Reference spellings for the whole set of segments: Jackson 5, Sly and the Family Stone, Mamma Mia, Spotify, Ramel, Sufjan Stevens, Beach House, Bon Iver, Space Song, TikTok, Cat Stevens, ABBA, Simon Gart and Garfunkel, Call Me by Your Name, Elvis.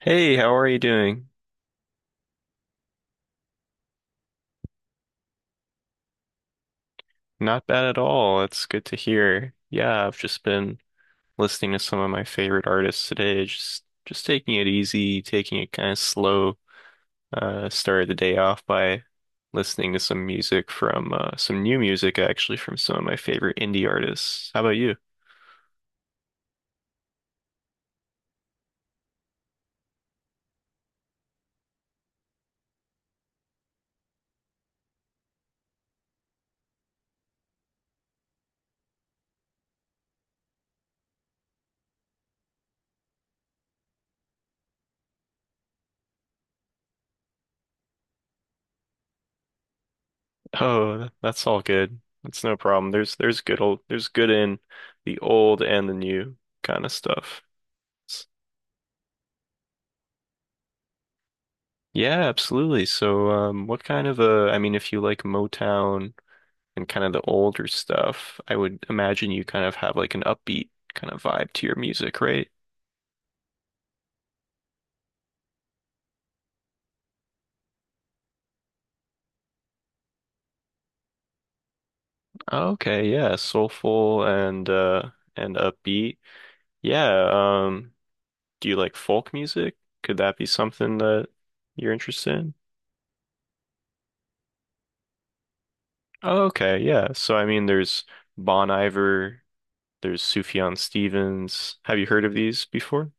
Hey, how are you doing? Not bad at all. It's good to hear. Yeah, I've just been listening to some of my favorite artists today. Just taking it easy, taking it kind of slow. Started the day off by listening to some music from some new music actually from some of my favorite indie artists. How about you? Oh, that's all good. That's no problem. There's good in the old and the new kind of stuff. Yeah, absolutely. So, what kind of a, I mean, if you like Motown and kind of the older stuff, I would imagine you kind of have like an upbeat kind of vibe to your music, right? Okay, yeah, soulful and upbeat. Yeah, um, do you like folk music? Could that be something that you're interested in? Oh, okay, yeah. So, I mean, there's Bon Iver, there's Sufjan Stevens. Have you heard of these before?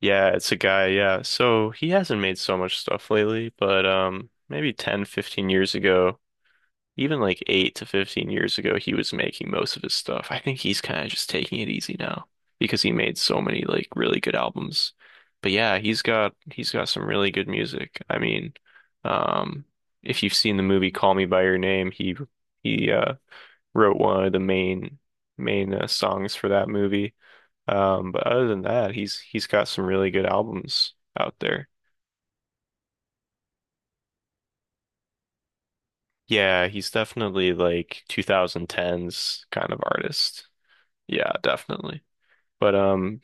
Yeah, it's a guy, yeah. So he hasn't made so much stuff lately, but maybe 10, 15 years ago, even like 8 to 15 years ago, he was making most of his stuff. I think he's kind of just taking it easy now because he made so many like really good albums. But yeah, he's got some really good music. I mean, um if you've seen the movie Call Me by Your Name, he wrote one of the main songs for that movie. But other than that, he's got some really good albums out there. Yeah, he's definitely like 2010s kind of artist. Yeah, definitely. But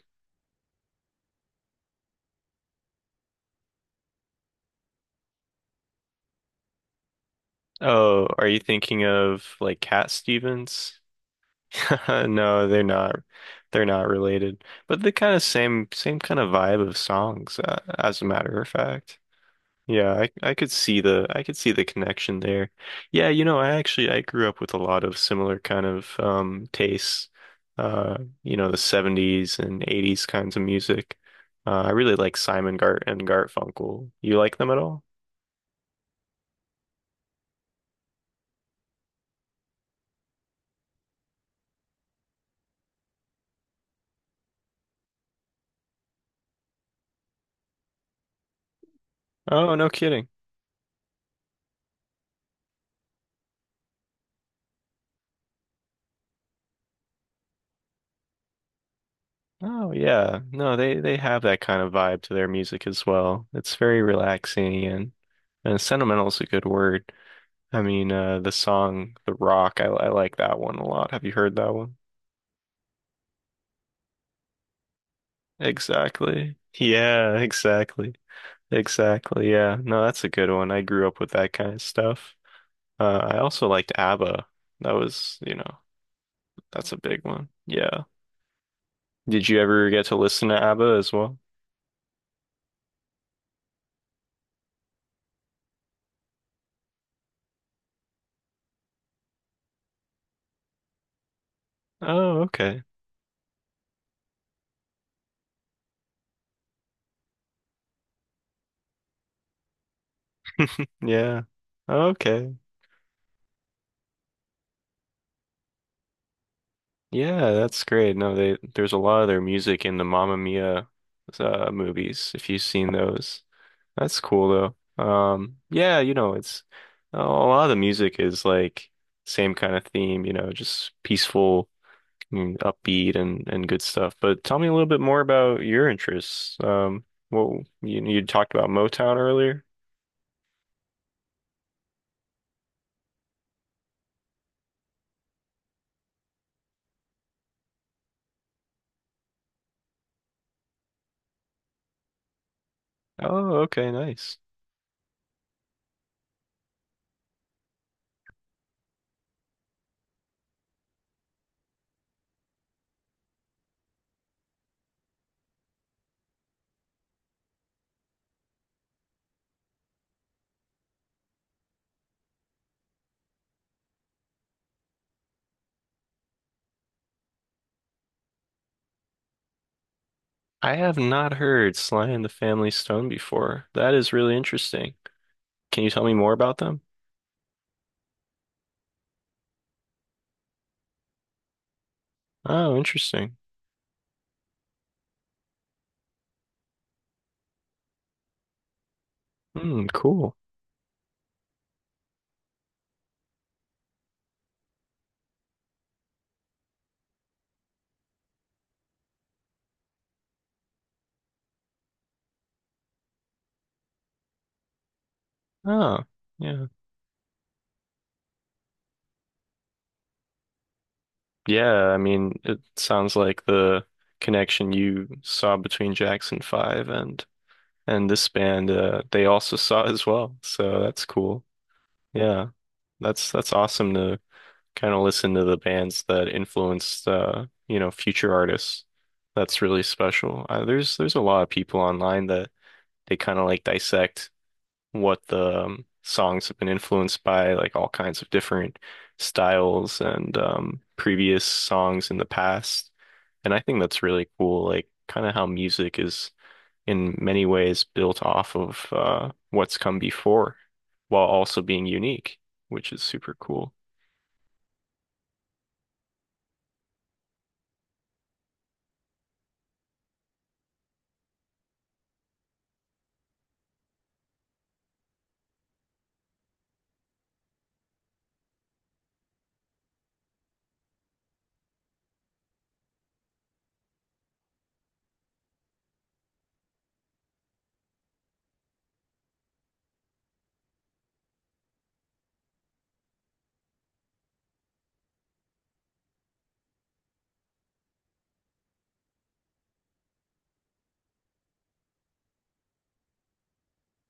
oh, are you thinking of like Cat Stevens? No, they're not. They're not related. But the kind of same kind of vibe of songs, as a matter of fact. Yeah, I could see the connection there. Yeah, you know, I actually I grew up with a lot of similar kind of tastes. Uh, you know, the 70s and 80s kinds of music. I really like Simon Gart and Garfunkel. You like them at all? Oh, no kidding. Oh, yeah. No, they have that kind of vibe to their music as well. It's very relaxing and sentimental is a good word. I mean, the song The Rock, I like that one a lot. Have you heard that one? Exactly. Yeah, exactly. Exactly. Yeah. No, that's a good one. I grew up with that kind of stuff. I also liked ABBA. That was, you know, that's a big one. Yeah. Did you ever get to listen to ABBA as well? Oh, okay. Yeah. Okay. Yeah, that's great. No, they there's a lot of their music in the Mamma Mia movies, if you've seen those. That's cool though. Yeah, you know, it's a lot of the music is like same kind of theme, you know, just peaceful and upbeat and good stuff. But tell me a little bit more about your interests. Well, you talked about Motown earlier. Oh, okay, nice. I have not heard Sly and the Family Stone before. That is really interesting. Can you tell me more about them? Oh, interesting. Hmm, cool. Oh, yeah. Yeah, I mean, it sounds like the connection you saw between Jackson 5 and this band, they also saw as well. So that's cool. Yeah, that's awesome to kind of listen to the bands that influenced you know, future artists. That's really special. There's a lot of people online that they kind of like dissect what the songs have been influenced by, like all kinds of different styles and previous songs in the past. And I think that's really cool, like kind of how music is in many ways built off of what's come before while also being unique, which is super cool.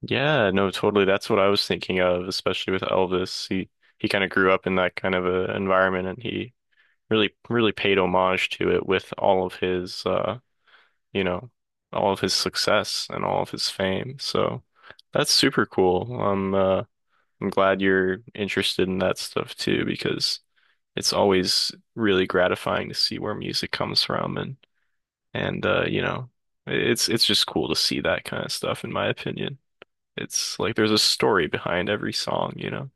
Yeah, no, totally. That's what I was thinking of, especially with Elvis. He kind of grew up in that kind of a environment and he really paid homage to it with all of his you know, all of his success and all of his fame. So that's super cool. I'm glad you're interested in that stuff too, because it's always really gratifying to see where music comes from and you know, it's just cool to see that kind of stuff, in my opinion. It's like there's a story behind every song, you know.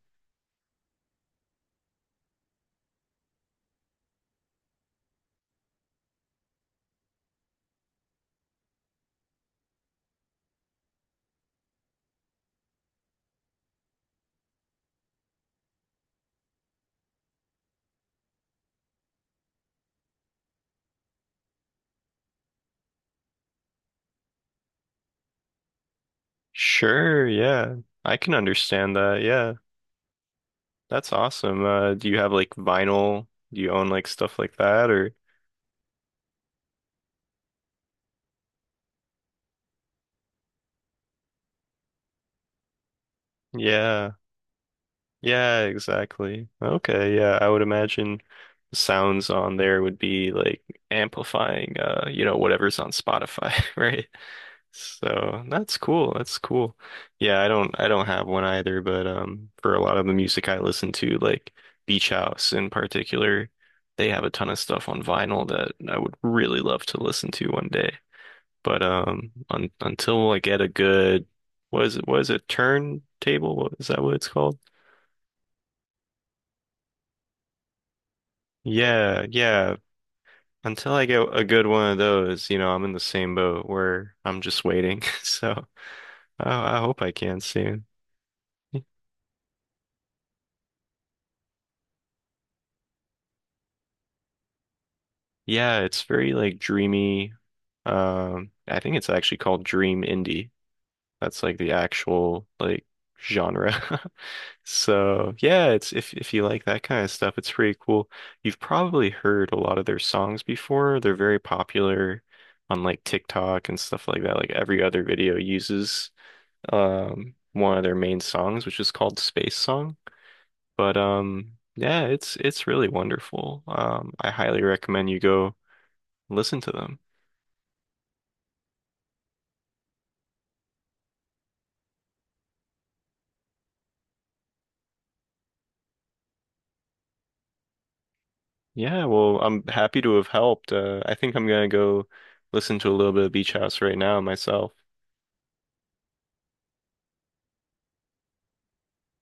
Sure, yeah. I can understand that. Yeah. That's awesome. Do you have like vinyl? Do you own like stuff like that or yeah. Yeah, exactly. Okay, yeah, I would imagine the sounds on there would be like amplifying you know, whatever's on Spotify, right? So that's cool. That's cool. Yeah, I don't have one either, but for a lot of the music I listen to, like Beach House in particular, they have a ton of stuff on vinyl that I would really love to listen to one day. But un until I get a good what is it, turntable? What is that what it's called? Yeah, yeah. Until I get a good one of those, you know, I'm in the same boat where I'm just waiting. So, I hope I can soon. Yeah, it's very like dreamy. I think it's actually called dream indie. That's like the actual like genre. So, yeah, it's if you like that kind of stuff, it's pretty cool. You've probably heard a lot of their songs before. They're very popular on like TikTok and stuff like that. Like every other video uses one of their main songs, which is called Space Song. But yeah, it's really wonderful. I highly recommend you go listen to them. Yeah, well, I'm happy to have helped. I think I'm gonna go listen to a little bit of Beach House right now myself.